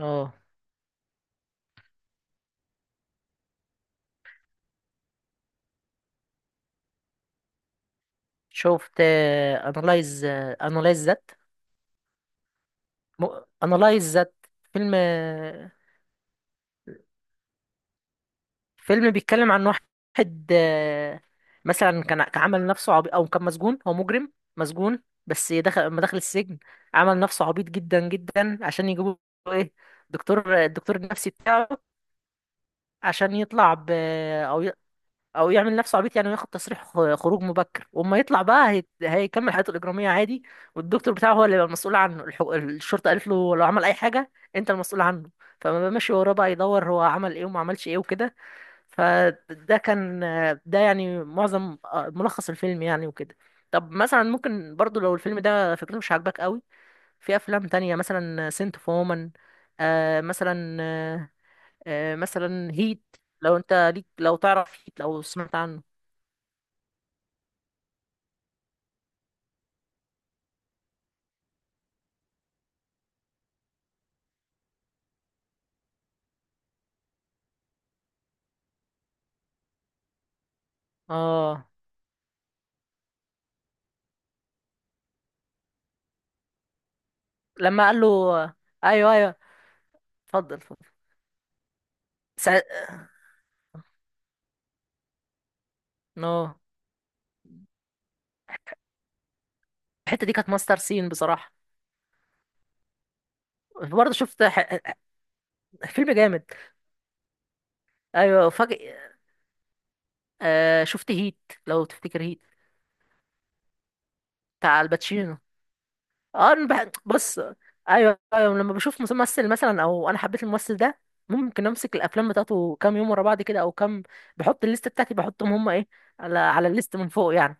اه، شفت انالايز. انالايز ذات انالايز ذات فيلم. فيلم بيتكلم عن واحد. آه، مثلا كان عمل نفسه عبيط، او كان مسجون. هو مجرم مسجون بس دخل، لما دخل السجن عمل نفسه عبيط جدا جدا عشان يجيبوا ايه، دكتور، الدكتور النفسي بتاعه، عشان يطلع ب او يعمل نفسه عبيط يعني وياخد تصريح خروج مبكر، واما يطلع بقى هيكمل حياته الاجراميه عادي. والدكتور بتاعه هو اللي يبقى المسؤول عنه. الشرطه قالت له لو عمل اي حاجه انت المسؤول عنه. فما ماشي وراه بقى يدور هو عمل ايه وما عملش ايه وكده. فده كان، ده يعني معظم، ملخص الفيلم يعني وكده. طب مثلا ممكن برضو لو الفيلم ده فكرته مش عاجباك قوي، في افلام تانية مثلا سنت فومن. مثلا، مثلا هيت. لو انت ليك، لو تعرف هيت، لو سمعت عنه. اه. لما قال له، ايوه ايوه، اتفضل اتفضل. سع... نو. الحته دي كانت ماستر سين بصراحه. برضه شفت ح... فيلم جامد. ايوه، فجأة، شفت هيت، لو تفتكر هيت، بتاع الباتشينو. اه أنا بص، ايوه ايوه، لما بشوف ممثل مثلا او انا حبيت الممثل ده، ممكن امسك الافلام بتاعته كام يوم ورا بعض كده، او كام، بحط الليست بتاعتي، بحطهم هم ايه، على الليست من فوق يعني.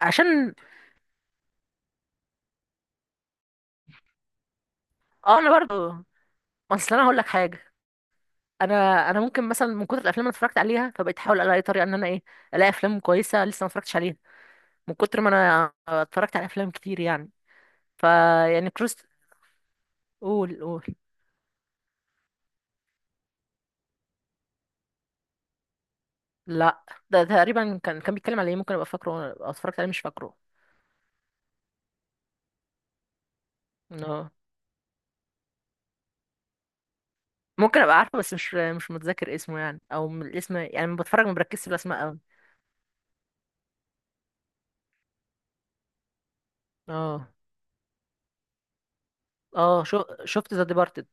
عشان، اه انا برضه، اصل انا هقول لك حاجه. انا انا ممكن مثلا من كتر الافلام اللي اتفرجت عليها، فبقيت احاول الاقي طريقه ان انا ايه، الاقي افلام كويسه لسه ما اتفرجتش عليها، من كتر ما انا اتفرجت على افلام كتير يعني. فا يعني كروس. قول قول. لا، ده تقريبا كان بيتكلم على ايه، ممكن ابقى فاكره او اتفرجت عليه مش فاكره. no. ممكن ابقى عارفه بس مش متذكر اسمه يعني، او من الاسم يعني لما بتفرج ما بركزش في الاسماء قوي. اه. اه شو شفت ذا ديبارتد.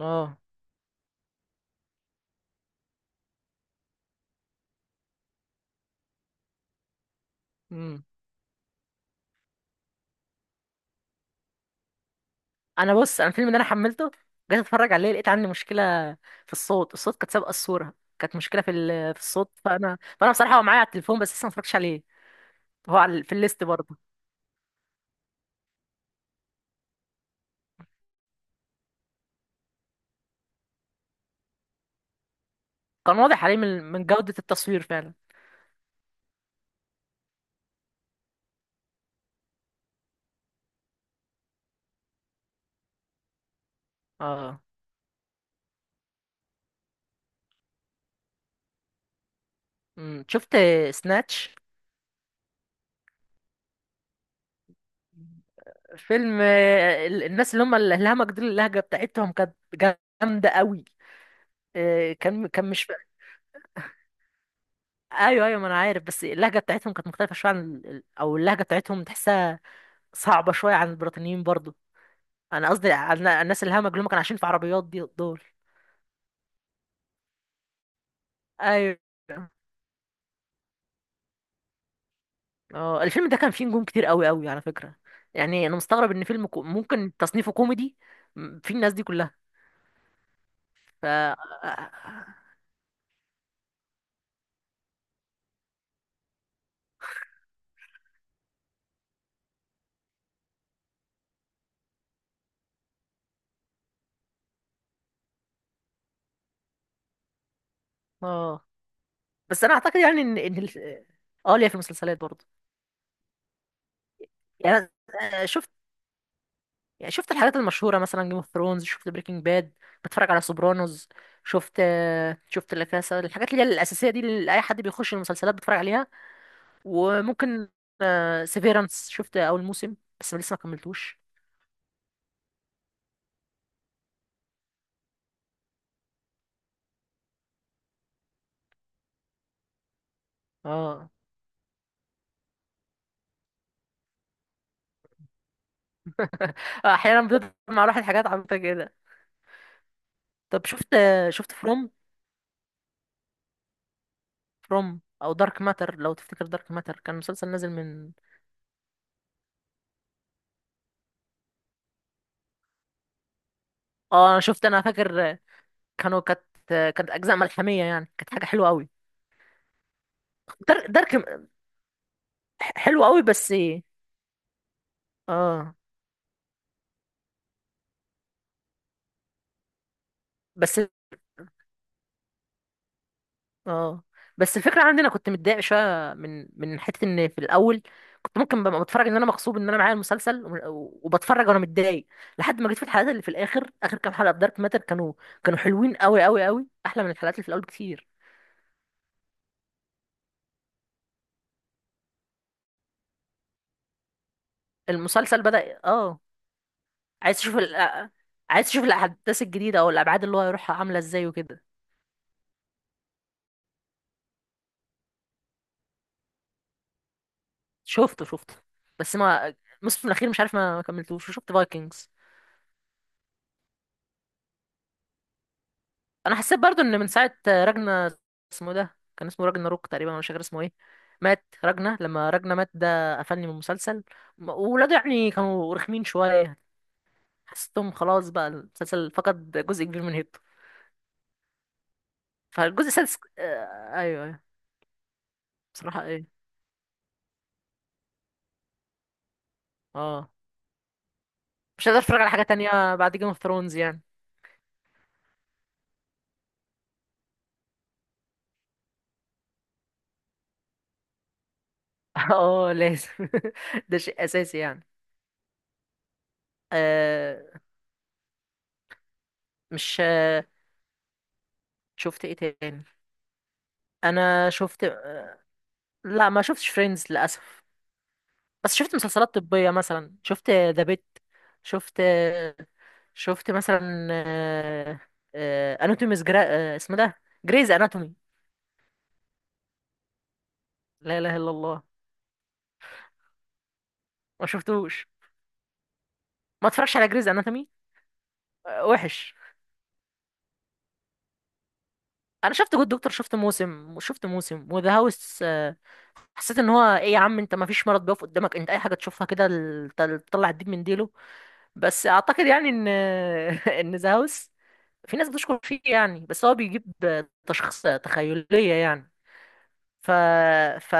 اه انا بص، انا الفيلم ده انا حملته، جيت اتفرج عليه لقيت عندي مشكله في الصوت. كانت سابقه الصوره، كانت مشكله في في الصوت. فانا بصراحه هو معايا على التليفون بس لسه ما اتفرجتش عليه. هو على في الليست برضه. كان واضح عليه من جوده التصوير فعلا. اه. شفت سناتش. فيلم، الناس اللي هم الهمج دول، اللهجه بتاعتهم كانت جامده قوي. كان مش، ايوه ايوه ما انا عارف، بس اللهجه بتاعتهم كانت مختلفه شويه عن او اللهجه بتاعتهم تحسها صعبه شويه عن البريطانيين برضه. انا قصدي على الناس الهمج اللي هم كانوا عايشين في عربيات دي دول. ايوه. اه الفيلم ده كان فيه نجوم كتير قوي قوي على فكرة. يعني انا مستغرب ان فيلم ممكن تصنيفه كوميدي، فيه الناس دي كلها. ف، اه بس انا اعتقد يعني ان اه ليا في المسلسلات برضه يعني. شفت، يعني شفت الحاجات المشهورة، مثلا جيم اوف ثرونز، شفت بريكنج باد، بتفرج على سوبرانوز، شفت، شفت لا كاسا، الحاجات اللي هي الأساسية دي اللي أي حد بيخش المسلسلات بيتفرج عليها. وممكن، سيفيرانس شفت اول موسم بس لسه ما كملتوش. اه. احيانا بتطلع مع الواحد حاجات عبيطه كده. طب شفت، فروم، فروم او دارك ماتر، لو تفتكر دارك ماتر كان مسلسل نازل من، اه انا شفت، انا فاكر كانوا كانت، كانت اجزاء ملحميه يعني، كانت حاجه حلوه قوي. دارك حلو قوي. بس اه، بس اه، بس الفكره عندي انا كنت متضايق شويه من حته ان في الاول كنت ممكن ببقى بتفرج ان انا مغصوب ان انا معايا المسلسل، وبتفرج وانا متضايق، لحد ما جيت في الحلقات اللي في الاخر، اخر كام حلقه في دارك ماتر كانوا، كانوا حلوين قوي قوي قوي، احلى من الحلقات اللي في الاول بكتير. المسلسل بدأ اه. عايز تشوف عايز تشوف الاحداث الجديده او الابعاد اللي هو هيروحها عامله ازاي وكده. شفته شفته، بس ما، الموسم الاخير مش عارف، ما كملتوش. وشفت فايكنجز. انا حسيت برضو ان من ساعه راجنا، اسمه إيه ده، كان اسمه راجنا روك تقريبا، أنا مش فاكر اسمه ايه. مات راجنا، لما راجنا مات ده قفلني من المسلسل. وولاده يعني كانوا رخمين شويه، حسيتهم خلاص بقى المسلسل فقد جزء كبير من هيبته. فالجزء السادس، ايوه ايوه. بصراحه ايه. اه، مش هقدر اتفرج على حاجه تانية بعد جيم اوف ثرونز يعني. اه لازم. ده شيء اساسي يعني. آه مش آه شفت ايه تاني. انا شفت، لا ما شفتش فريندز للاسف. بس شفت مسلسلات طبية، مثلا شفت ذا بيت، شفت، شفت مثلا، اناتوميز جرا... اسمه ده جريز اناتومي. لا اله الا الله. ما شفتوش، ما اتفرجش على جريز اناتومي. وحش. انا شفت جود دكتور، شفت موسم، وشفت موسم، وذا هاوس. حسيت ان هو ايه يا عم، انت ما فيش مرض بيقف قدامك، انت اي حاجه تشوفها كده تطلع الدين من ديله. بس اعتقد يعني ان ان ذا هاوس في ناس بتشكر فيه يعني، بس هو بيجيب تشخيص تخيليه يعني. ف... ف...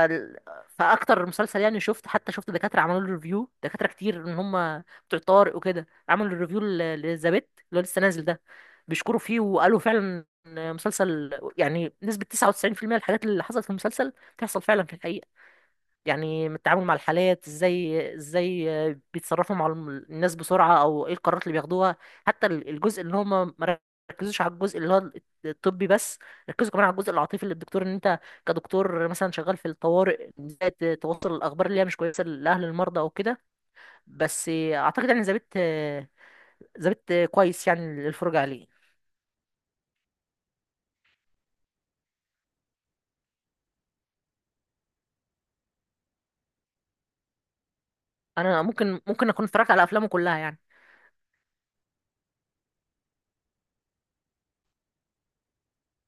فاكتر مسلسل يعني، شفت حتى، شفت دكاتره عملوا له ريفيو، دكاتره كتير ان هم بتوع طارق وكده، عملوا ريفيو للزبيت اللي هو لسه نازل ده، بيشكروا فيه وقالوا فعلا إن مسلسل يعني نسبه 99% الحاجات اللي حصلت في المسلسل تحصل فعلا في الحقيقه. يعني من التعامل مع الحالات ازاي، بيتصرفوا مع الناس بسرعة، او ايه القرارات اللي بياخدوها. حتى الجزء اللي هم ما ركزوش على الجزء اللي هو الطبي بس، ركزوا كمان على الجزء العاطفي للدكتور. ان انت كدكتور مثلا شغال في الطوارئ ازاي توصل الاخبار اللي هي مش كويسة لاهل المرضى او كده. بس اعتقد يعني ذابت كويس يعني للفرجة عليه. انا ممكن اكون اتفرجت على افلامه كلها يعني.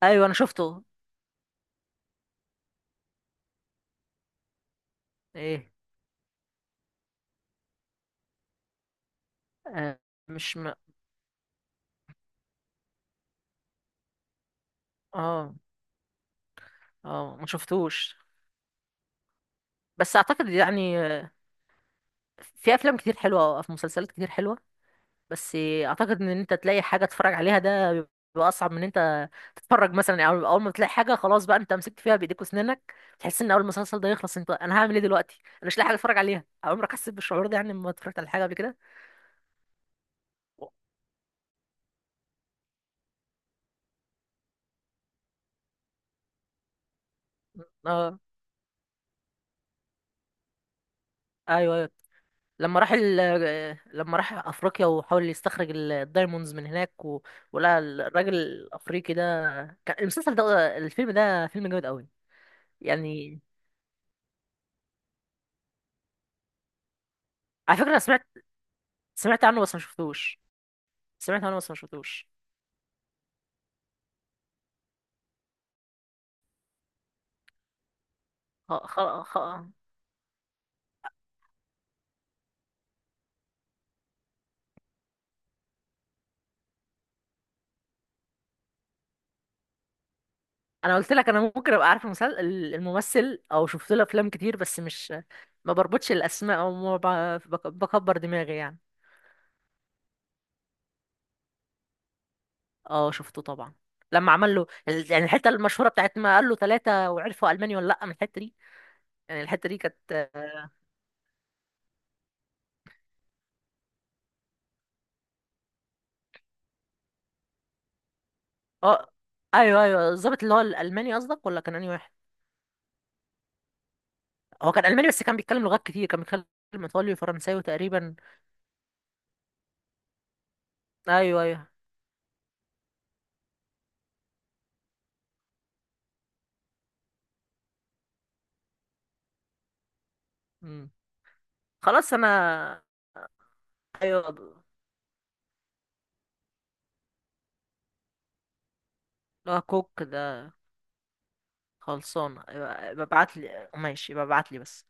ايوه انا شفته. ايه، آه، مش م... اه اه ما شفتوش. بس اعتقد يعني في افلام كتير حلوه، او في مسلسلات كتير حلوه. بس اعتقد ان انت تلاقي حاجه تتفرج عليها ده بيبقى اصعب من ان انت تتفرج. مثلا يعني اول ما تلاقي حاجه، خلاص بقى انت مسكت فيها بايديك واسنانك. تحس ان اول ما المسلسل ده يخلص، انت انا هعمل ايه دلوقتي، انا مش لاقي حاجه اتفرج عليها. عمرك حسيت بالشعور ده يعني لما اتفرجت على حاجه قبل كده؟ اه، ايوه ايوه. لما راح لما راح افريقيا وحاول يستخرج الدايموندز من هناك و... ولقى الراجل الافريقي ده. كان المسلسل ده، الفيلم ده فيلم جامد قوي يعني. على فكرة أنا سمعت، سمعت عنه بس ما شفتوش، سمعت عنه بس ما شفتوش. خ... خ... خ... أنا قلت لك أنا ممكن أبقى عارف الممثل، أو شفت له أفلام كتير، بس مش، ما بربطش الأسماء، أو ما بكبر دماغي يعني. أه شفته طبعا. لما عمل له يعني الحتة المشهورة بتاعت ما قال له ثلاثة، وعرفوا ألماني ولا لأ من الحتة دي. يعني الحتة دي كانت أه. آه، أيوه أيوه، الظابط اللي هو الألماني قصدك، ولا كان أنهي واحد؟ هو كان ألماني بس كان بيتكلم لغات كتير، كان بيتكلم إيطالي وفرنساوي تقريبا. أيوه أيوه. خلاص انا، ايوه اللي هو كوك ده. خلصان، ايوه ببعت لي، ماشي ببعت لي بس.